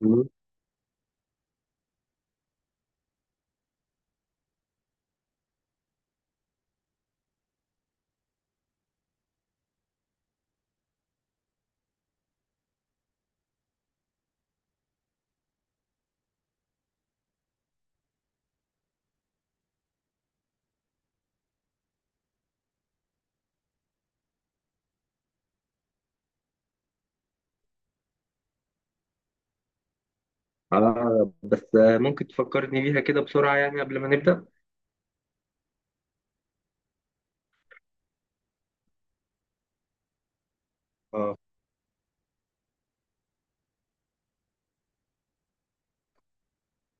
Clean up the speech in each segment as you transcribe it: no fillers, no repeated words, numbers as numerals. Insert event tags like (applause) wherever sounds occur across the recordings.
مم. اه بس ممكن تفكرني بيها كده بسرعة يعني قبل ما نبدأ. اه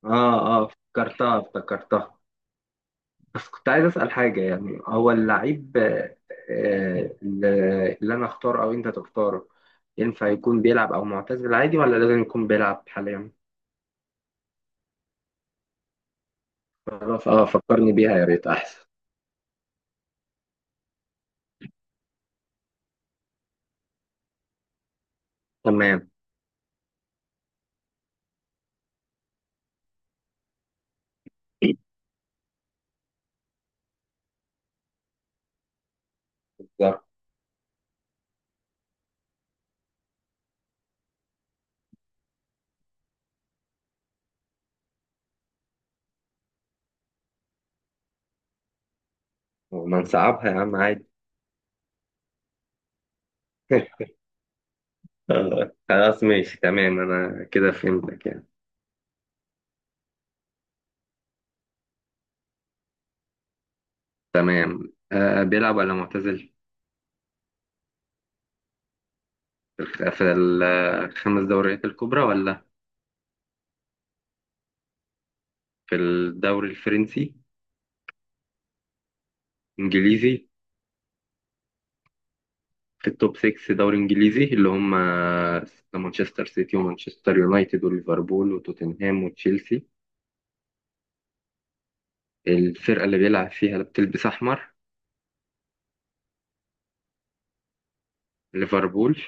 اه افتكرتها افتكرتها. بس كنت عايز أسأل حاجة يعني هو اللعيب اللي اللي انا اختاره او انت تختاره، ينفع يكون بيلعب او معتزل عادي ولا لازم يكون بيلعب حاليا؟ خلاص اه فكرني بيها يا ريت احسن. تمام. بالظبط. وما نصعبها يا عم عادي. (laughs) خلاص ماشي تمام انا كده فهمتك يعني. تمام، آه بيلعب ولا معتزل؟ في الخمس دوريات الكبرى، ولا في الدوري الفرنسي؟ انجليزي. في التوب 6 دوري انجليزي اللي هم مانشستر سيتي ومانشستر يونايتد وليفربول وتوتنهام وتشيلسي. الفرقة اللي بيلعب فيها اللي بتلبس احمر؟ ليفربول؟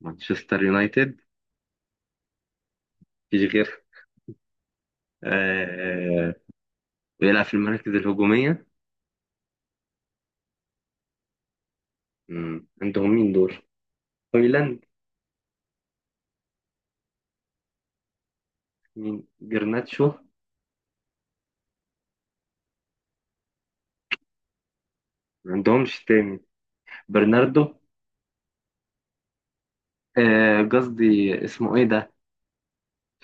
مانشستر يونايتد. مفيش غير. آه. بيلعب في المراكز الهجومية. مم. عندهم مين دول؟ هويلاند؟ مين جرناتشو؟ ما عندهمش تاني. برناردو. قصدي اسمه ايه ده،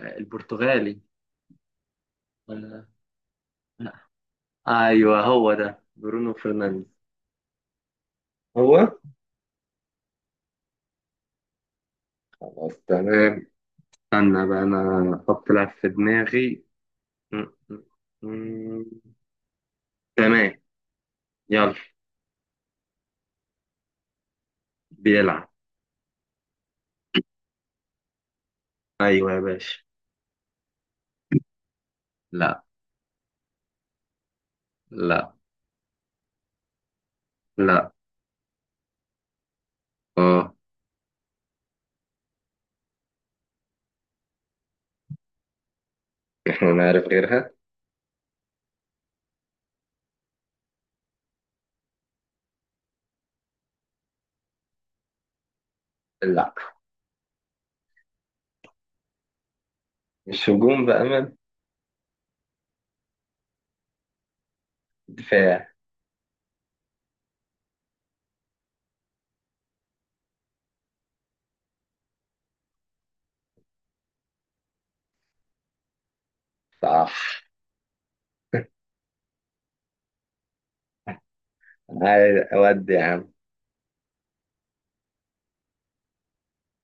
البرتغالي. آه، ايوه هو ده برونو فرنانديز. هو. خلاص تمام. استنى بقى انا احط لاعب في دماغي. م- م- م- تمام. يلا. بيلعب. ايوه يا باشا. لا. لا. لا. اه. احنا نعرف غيرها. لا. مش هجوم بأمل. دفاع. صح. هاي اودي يا عم.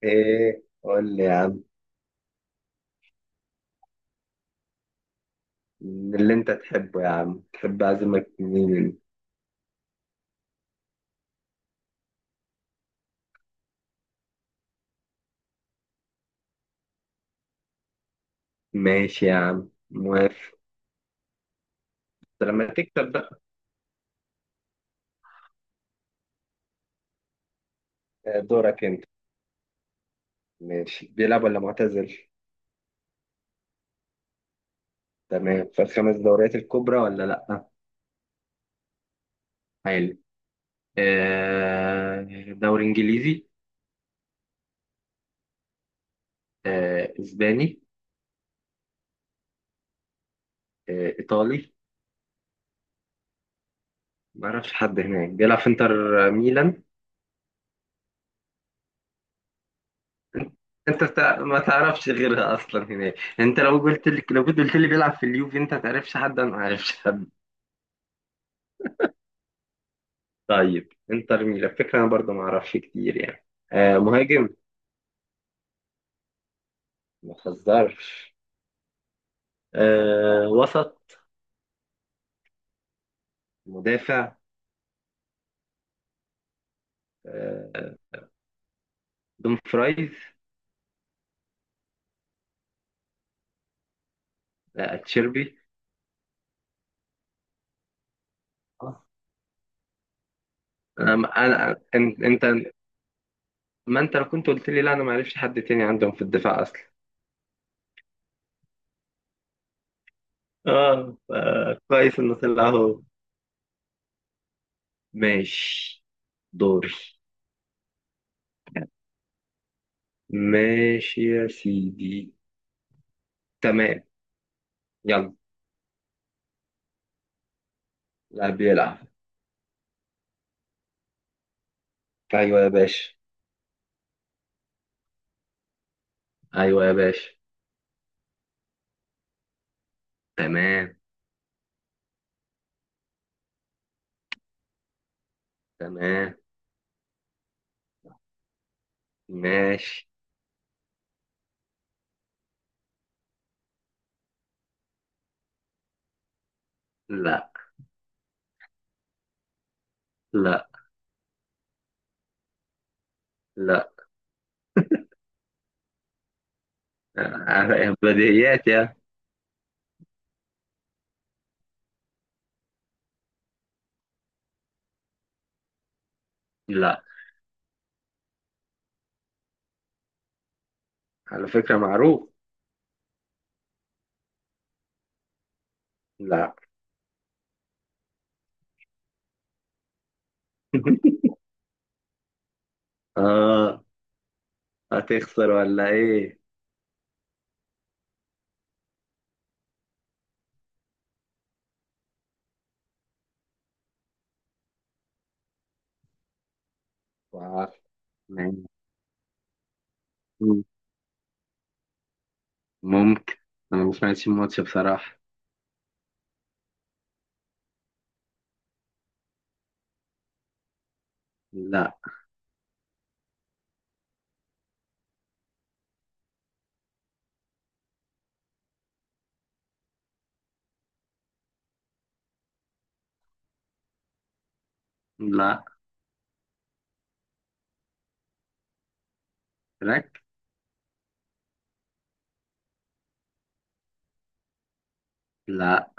ايه قول لي يا عم. من اللي انت تحبه يا عم، تحب اعزمك مين؟ ماشي يا عم موافق. لما تكسب بقى. دورك انت. ماشي بيلعب ولا معتزل؟ تمام. في الخمس دوريات الكبرى ولا لا؟ حلو. آه، دوري انجليزي؟ اسباني؟ ايطالي؟ ما اعرفش حد هناك بيلعب في انتر ميلان. ما تعرفش غيرها اصلا هناك. انت لو قلت لي، لو كنت قلت لي بيلعب في اليوفي، انت ما تعرفش حد، انا ما اعرفش حد. طيب انتر ميلان فكره انا برضو ما اعرفش كتير يعني. آه مهاجم؟ ما تهزرش. آه وسط؟ مدافع. آه، دون فرايز؟ تشيربي. انت، ما انت لو كنت قلت لي لا انا ما اعرفش حد تاني عندهم في الدفاع اصلا. اه كويس انه طلع اهو. ماشي. دوري. ماشي يا سيدي. تمام. يلا. لاعب بيلعب. ايوه يا باشا. ايوه يا باشا. تمام. تمام. ماشي. لا. لا. لا. بديهيات يا. لا. على فكرة معروف. لا. (laughs) اه. هتخسر ولا ايه؟ وعارف. يعني. ممكن. انا ما سمعتش الماتش بصراحة. لا. لا. راك. لا.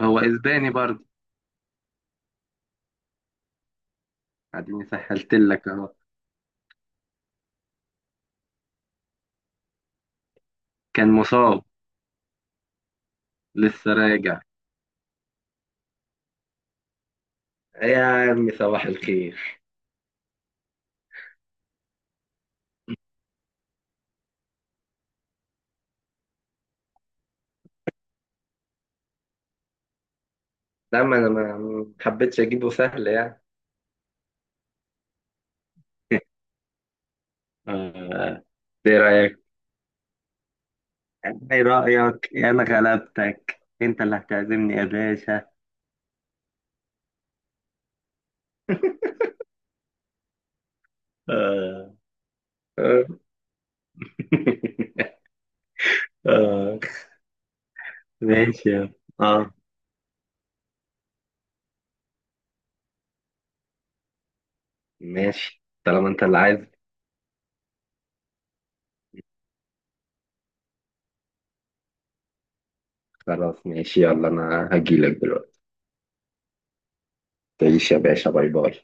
هو اسباني برضه. اديني سهلت لك اهو. كان مصاب. لسه راجع. يا عمي صباح الخير. لما انا ما حبيتش اجيبه سهل يعني. (laughs) آه. ايه رأيك؟ ايه رأيك؟ انا غلبتك، انت اللي هتعزمني يا باشا. آه. (laughs) آه. آه. ماشي يلا. اه. ماشي طالما انت اللي عايز. خلاص ماشي يلا انا هجيلك دلوقتي. تعيش يا باشا، باي باي.